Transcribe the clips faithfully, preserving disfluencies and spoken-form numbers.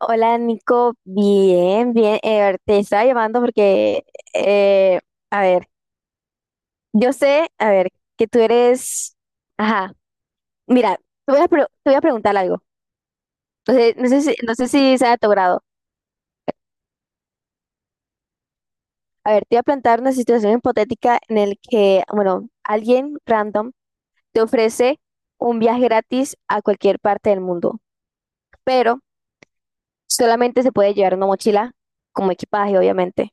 Hola Nico, bien, bien. Eh, a ver, te estaba llamando porque, eh, a ver, yo sé, a ver, que tú eres, ajá, mira, te voy a, pre- te voy a preguntar algo. No sé, no sé si, no sé si sea de tu grado. A ver, te voy a plantear una situación hipotética en el que, bueno, alguien random te ofrece un viaje gratis a cualquier parte del mundo, pero solamente se puede llevar una mochila como equipaje, obviamente.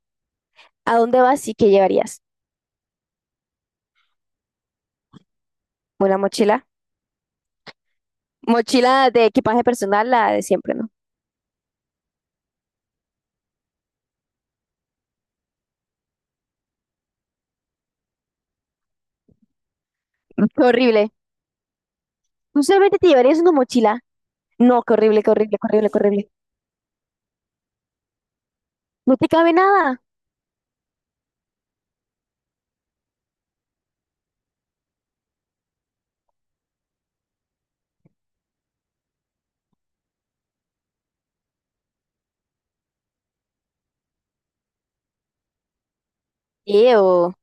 ¿A dónde vas y qué llevarías? ¿Una mochila? Mochila de equipaje personal, la de siempre, ¿no? Mm, qué horrible. ¿Tú solamente te llevarías una mochila? No, qué horrible, qué horrible, qué horrible, qué horrible. No te cabe nada. Ew,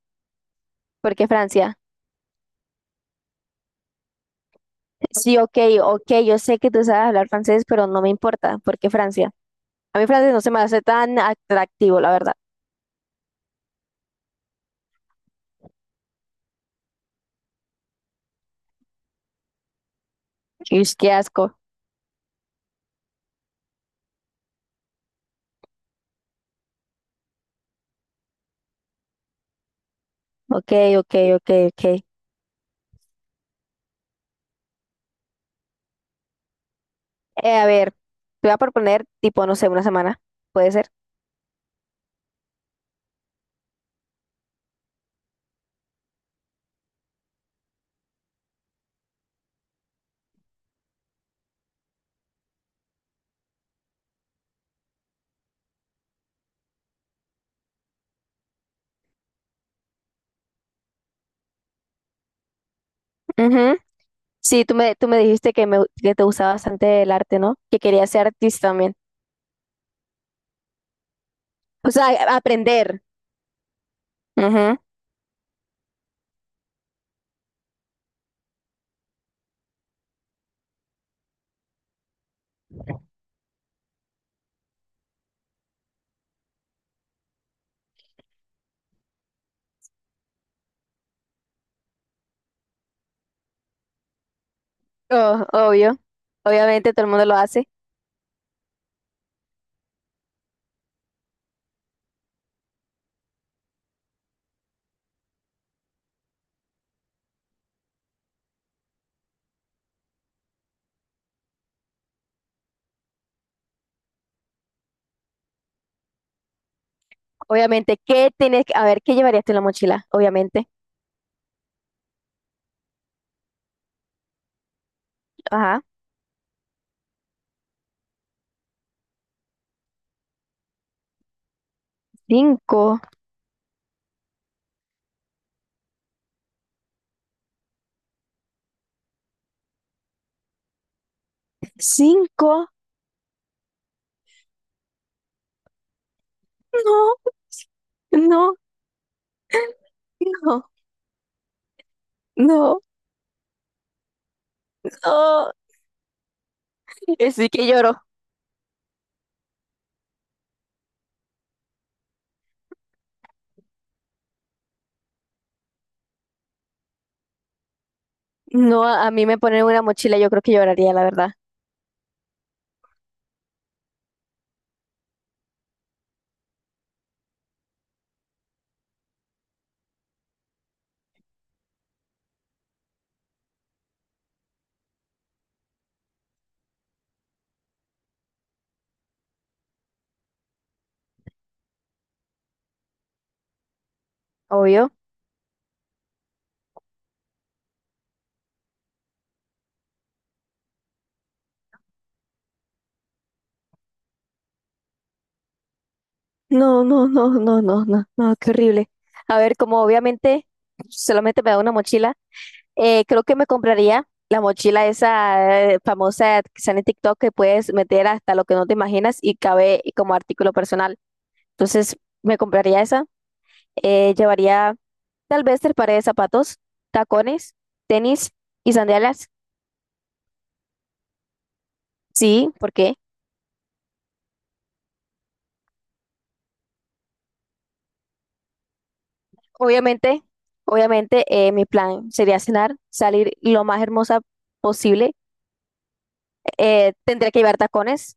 ¿por qué Francia? Sí, ok, ok, yo sé que tú sabes hablar francés, pero no me importa, ¿por qué Francia? A mí francés no se me hace tan atractivo, la verdad. Ish, qué asco. Ok, ok, ok, ok. Eh, a ver, te voy a proponer, tipo, no sé, una semana. ¿Puede ser? Ujú. Sí, tú me, tú me dijiste que, me, que te gustaba bastante el arte, ¿no? Que querías ser artista también. O sea, aprender. Ujú. Oh, obvio. Obviamente todo el mundo lo hace. Obviamente, ¿qué tienes que... A ver, ¿qué llevarías tú en la mochila? Obviamente. Ajá. Cinco. Cinco. No, no, no, no, no. Eh, Sí que lloro. No, a a mí me ponen una mochila, yo creo que lloraría, la verdad. Obvio. No, no, no, no, no, no, no, qué horrible. A ver, como obviamente solamente me da una mochila. Eh, creo que me compraría la mochila esa eh, famosa que sale en TikTok, que puedes meter hasta lo que no te imaginas y cabe como artículo personal. Entonces, me compraría esa. Eh, llevaría tal vez tres pares de zapatos: tacones, tenis y sandalias. Sí, porque obviamente, obviamente eh, mi plan sería cenar, salir lo más hermosa posible. Eh, tendré que llevar tacones,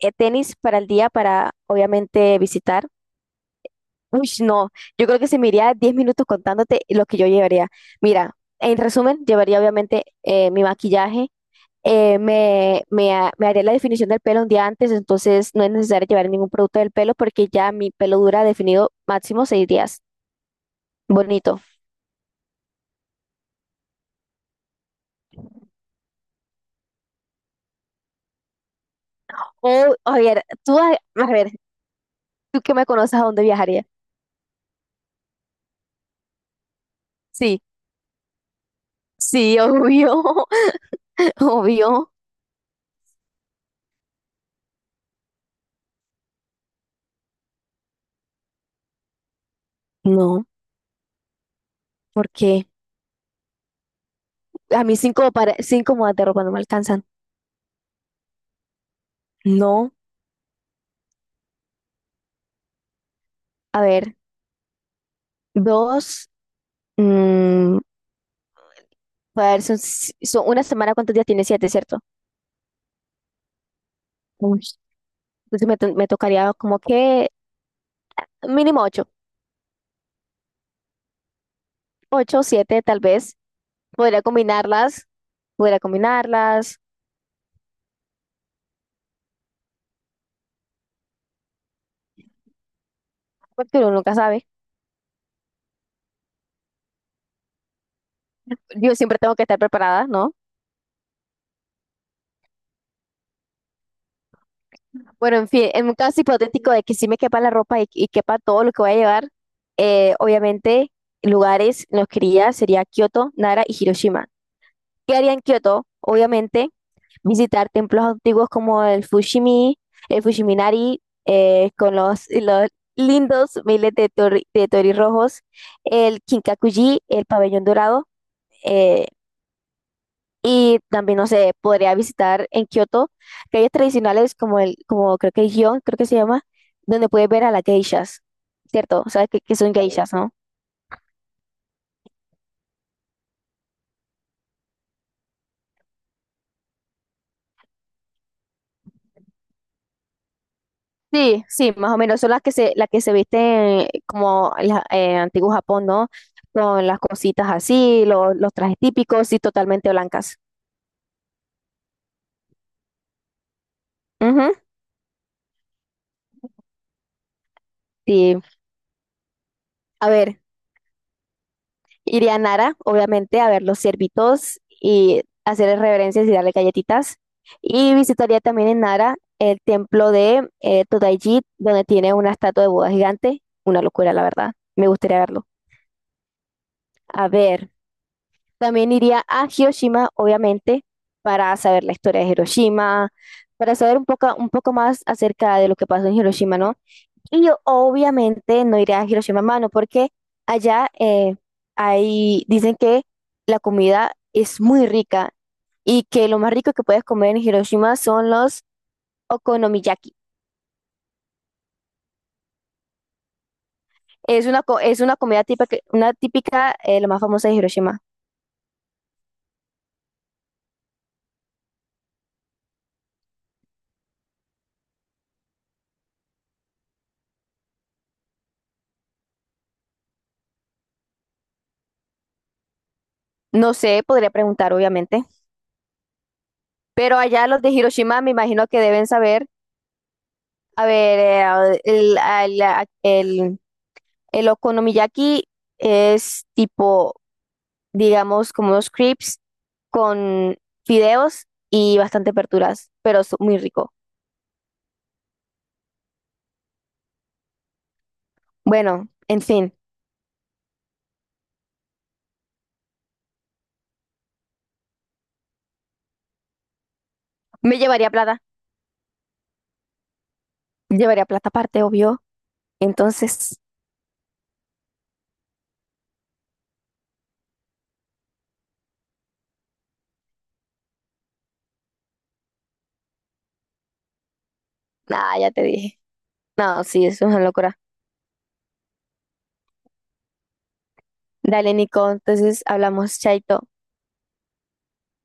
eh, tenis para el día, para obviamente visitar. Uy, no, yo creo que se me iría diez minutos contándote lo que yo llevaría. Mira, en resumen, llevaría obviamente eh, mi maquillaje, eh, me, me, ha- me haría la definición del pelo un día antes, entonces no es necesario llevar ningún producto del pelo porque ya mi pelo dura definido máximo seis días. Bonito. O, a ver, tú, a, a ver, tú que me conoces, ¿a dónde viajaría? Sí, sí, obvio, obvio. No, porque a mí cinco, para, cinco modas de ropa no me alcanzan. No, a ver, dos. Mm, a ver, son, si- son una semana, ¿cuántos días tiene? Siete, ¿cierto? Uy, entonces me, to- me tocaría como que mínimo ocho. Ocho, siete, tal vez. Podría combinarlas, podría combinarlas, porque uno nunca sabe. Yo siempre tengo que estar preparada, ¿no? Bueno, en fin, en un caso hipotético de que sí me quepa la ropa y, y quepa todo lo que voy a llevar, eh, obviamente lugares en los que iría sería Kioto, Nara y Hiroshima. ¿Qué haría en Kioto? Obviamente visitar templos antiguos como el Fushimi, el Fushiminari, eh, con los, los lindos miles de, tori- de torirrojos, el Kinkakuji, el pabellón dorado, eh, y también, no sé, podría visitar en Kioto calles tradicionales como el, como creo que el Gion, creo que se llama, donde puedes ver a las geishas, ¿cierto? O sea, que, que son geishas, ¿no? Sí, sí, más o menos son las que se, las que se visten como el ja- eh, antiguo Japón, ¿no? Con las cositas así, los, los trajes típicos y totalmente blancas. Ujú, sí. A ver, iría a Nara, obviamente, a ver los ciervitos y hacerles reverencias y darle galletitas. Y visitaría también en Nara el templo de eh, Todaiji, donde tiene una estatua de Buda gigante. Una locura, la verdad. Me gustaría verlo. A ver. También iría a Hiroshima, obviamente, para saber la historia de Hiroshima, para saber un poco, un poco más acerca de lo que pasó en Hiroshima, ¿no? Y yo obviamente no iré a Hiroshima a mano porque allá eh, hay, dicen que la comida es muy rica y que lo más rico que puedes comer en Hiroshima son los okonomiyaki. Es una, co- es una comida típica, una típica, eh, la más famosa de Hiroshima. No sé, podría preguntar obviamente, pero allá los de Hiroshima me imagino que deben saber. A ver, eh, el, al- a- el, el okonomiyaki es tipo, digamos, como unos crepes con fideos y bastante aperturas, pero es muy rico. Bueno, en fin, me llevaría plata. Llevaría plata aparte, obvio. Entonces, nada, ya te dije. No, sí, eso es una locura. Dale, Nico, entonces hablamos, chaito.